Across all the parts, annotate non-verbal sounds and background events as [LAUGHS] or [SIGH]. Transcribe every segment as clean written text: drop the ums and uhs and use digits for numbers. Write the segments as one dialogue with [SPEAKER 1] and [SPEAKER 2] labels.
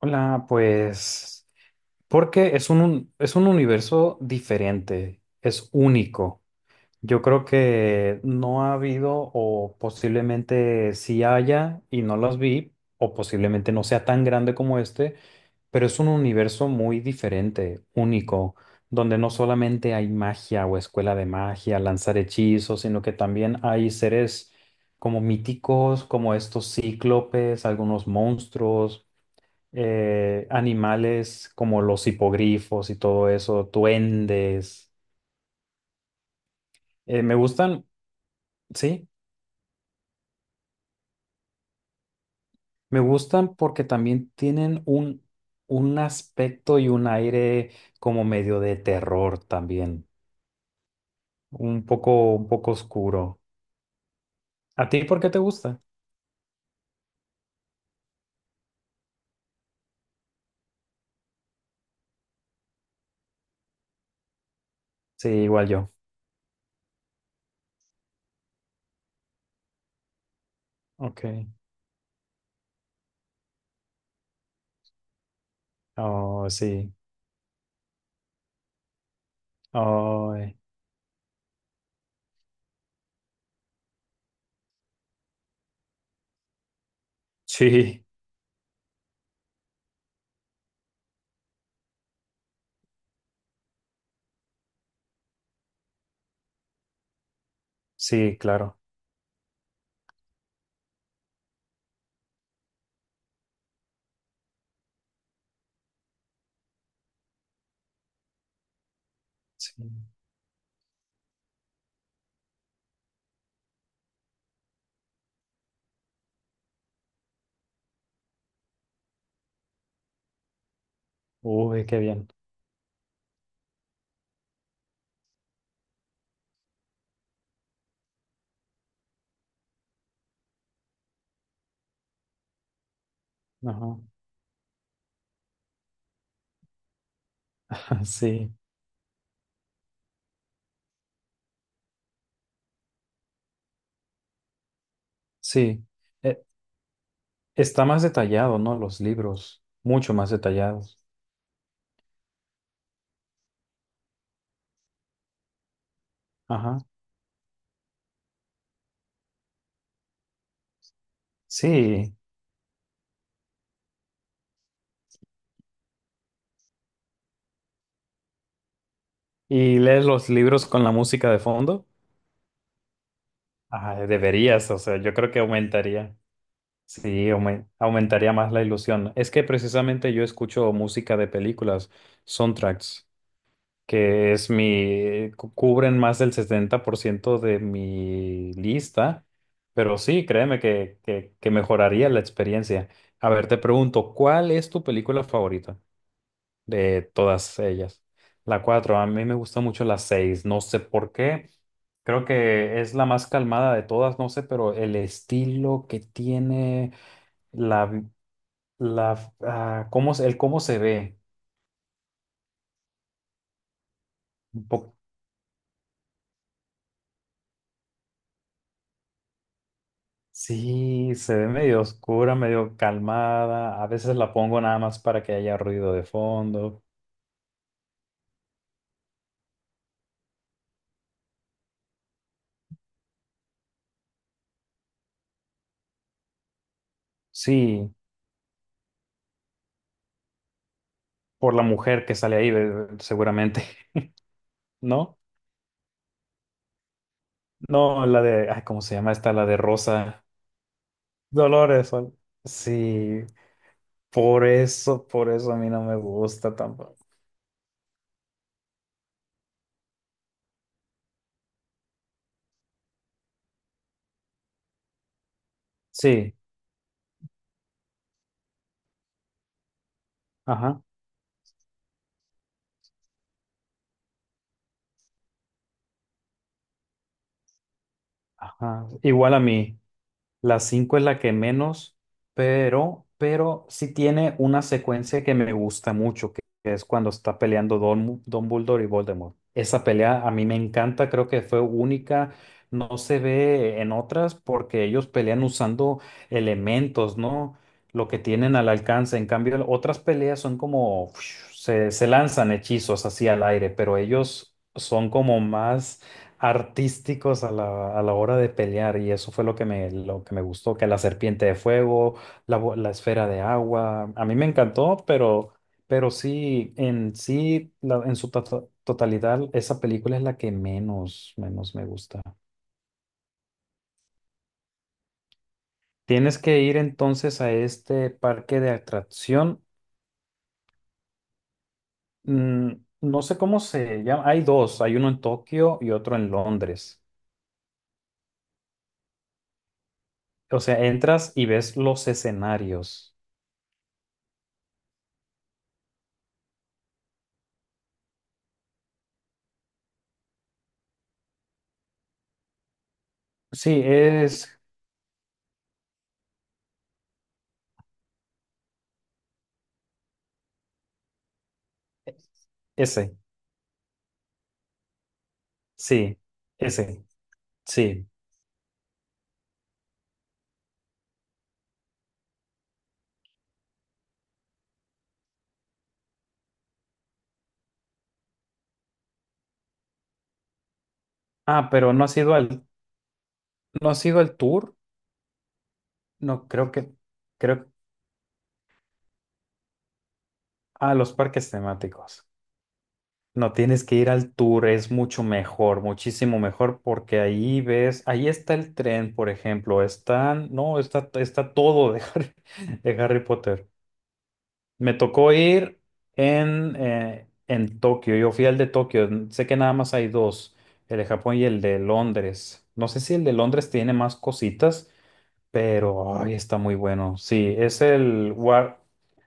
[SPEAKER 1] Hola, pues porque es es un universo diferente, es único. Yo creo que no ha habido o posiblemente sí haya y no los vi o posiblemente no sea tan grande como este, pero es un universo muy diferente, único, donde no solamente hay magia o escuela de magia, lanzar hechizos, sino que también hay seres como míticos, como estos cíclopes, algunos monstruos animales como los hipogrifos y todo eso, duendes. Me gustan, sí, me gustan porque también tienen un aspecto y un aire como medio de terror también, un poco oscuro. ¿A ti por qué te gusta? Sí, igual yo. Ok. Oh, sí. Oh, sí, sí, claro. Sí. Uy, qué bien. Ajá. [LAUGHS] Sí, sí. Eh, Está más detallado, ¿no? Los libros, mucho más detallados. Ajá. Sí. ¿Y lees los libros con la música de fondo? Ajá, deberías, o sea, yo creo que aumentaría. Sí, aumentaría más la ilusión. Es que precisamente yo escucho música de películas, soundtracks, que es cubren más del 70% de mi lista, pero sí, créeme que mejoraría la experiencia. A ver, te pregunto, ¿cuál es tu película favorita de todas ellas? La cuatro. A mí me gusta mucho la seis, no sé por qué. Creo que es la más calmada de todas, no sé, pero el estilo que tiene, la, vi- la, ah, cómo, se- el cómo se ve. un po- sí, se ve medio oscura, medio calmada. A veces la pongo nada más para que haya ruido de fondo. Sí, por la mujer que sale ahí, seguramente, [LAUGHS] ¿no? No, la de, ay, ¿cómo se llama esta? La de Rosa. Dolores son. Sí, por eso a mí no me gusta tampoco. Sí, ajá, ajá. Igual a mí. La 5 es la que menos, pero sí tiene una secuencia que me gusta mucho, que es cuando está peleando Dumbledore y Voldemort. Esa pelea a mí me encanta, creo que fue única, no se ve en otras porque ellos pelean usando elementos, ¿no? Lo que tienen al alcance. En cambio, otras peleas son como, [SNIFFS] se lanzan hechizos así al aire, pero ellos son como más artísticos a la hora de pelear, y eso fue lo que me gustó, que la serpiente de fuego, la esfera de agua, a mí me encantó, pero sí, en sí, en su totalidad, esa película es la que menos me gusta. Tienes que ir entonces a este parque de atracción, mm, no sé cómo se llama, hay dos, hay uno en Tokio y otro en Londres. O sea, entras y ves los escenarios. Sí, es ese, sí, ese, sí. Ah, pero no ha sido al tour. No, creo que, creo, ah, los parques temáticos. No tienes que ir al tour, es mucho mejor, muchísimo mejor, porque ahí ves, ahí está el tren, por ejemplo, están, no, está todo de Harry, [LAUGHS] de Harry Potter. Me tocó ir en Tokio. Yo fui al de Tokio. Sé que nada más hay dos, el de Japón y el de Londres. No sé si el de Londres tiene más cositas, pero ay, está muy bueno. Sí, es el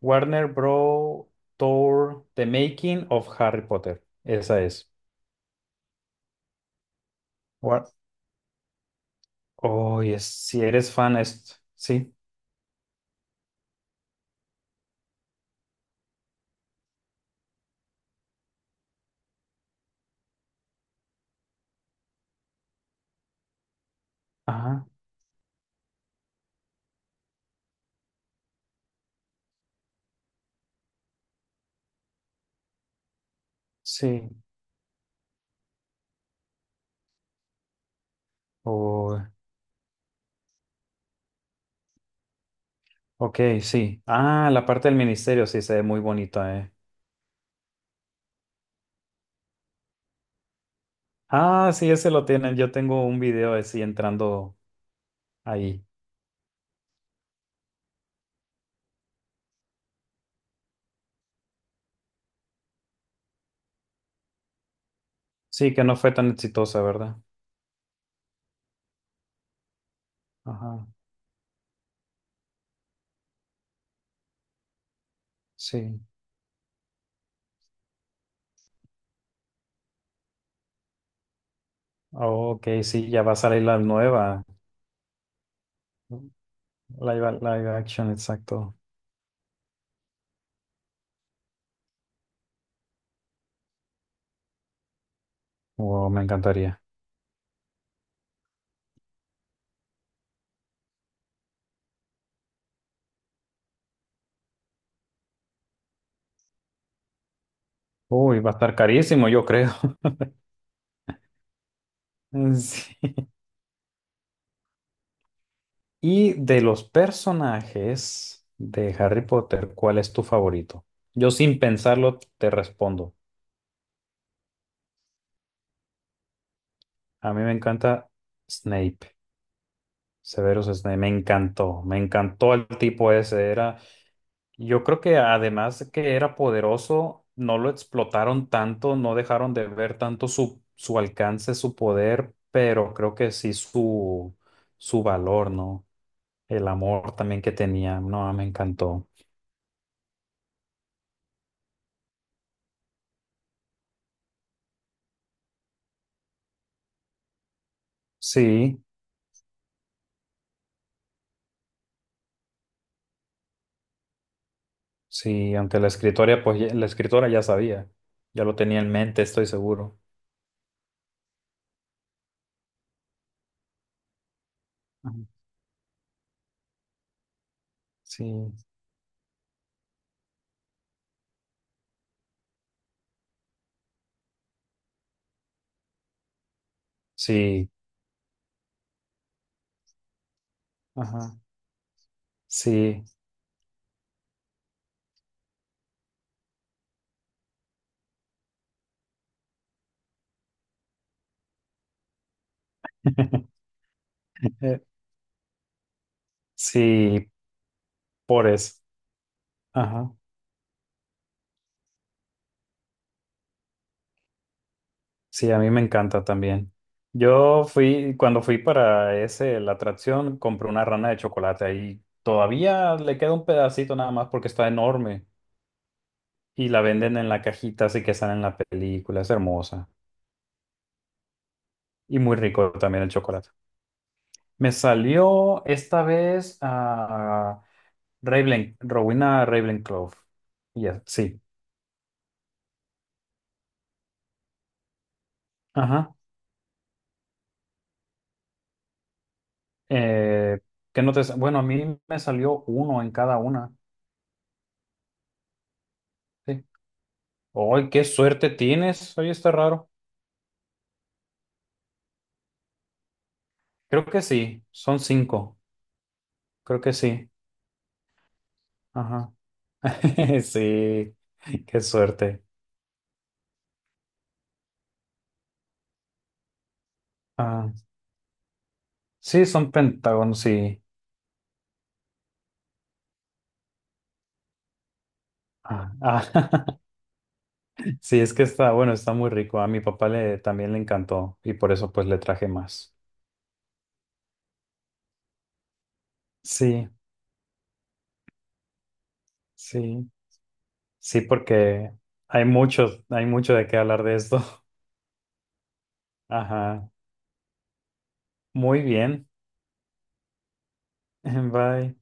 [SPEAKER 1] Warner Bros. Tour The Making of Harry Potter. Esa es. War Oh, yes. Si eres fan, es. Sí. Ajá. Sí. Oh, ok, sí. Ah, la parte del ministerio sí se ve muy bonita, eh. Ah, sí, ese lo tienen. Yo tengo un video así entrando ahí. Sí, que no fue tan exitosa, ¿verdad? Ajá, sí. Oh, ok, sí, ya va a salir la nueva. Live action, exacto. Wow, me encantaría. Uy, va a estar carísimo, yo creo. [LAUGHS] Sí. Y de los personajes de Harry Potter, ¿cuál es tu favorito? Yo sin pensarlo te respondo. A mí me encanta Snape, Severus Snape. Me encantó el tipo ese. Era Yo creo que, además de que era poderoso, no lo explotaron tanto, no dejaron de ver tanto su, su, alcance, su poder, pero creo que sí su valor, ¿no? El amor también que tenía, no, me encantó. Sí, sí, aunque la escritora ya sabía, ya lo tenía en mente, estoy seguro. Ajá. Sí, sí, ajá, sí, [LAUGHS] sí, por eso. Ajá. Sí, a mí me encanta también. Cuando fui para ese, la atracción, compré una rana de chocolate y todavía le queda un pedacito nada más porque está enorme y la venden en la cajita, así que sale en la película, es hermosa, y muy rico también el chocolate. Me salió esta vez a Ravenclaw, Rowena Ravenclaw. Ya, sí, ajá. Eh, ¿Qué no te sa- bueno, a mí me salió uno en cada una. Sí. ¡Ay, qué suerte tienes! Oye, está raro. Creo que sí, son cinco. Creo que sí. Ajá. [LAUGHS] Sí, qué suerte. Ah, sí, son pentágonos, sí. Ah, ah, [LAUGHS] Sí, es que está, bueno, está muy rico. A mi papá le también le encantó y por eso pues le traje más. Sí, sí, sí, porque hay mucho de qué hablar de esto. [LAUGHS] Ajá. Muy bien. [LAUGHS] Bye.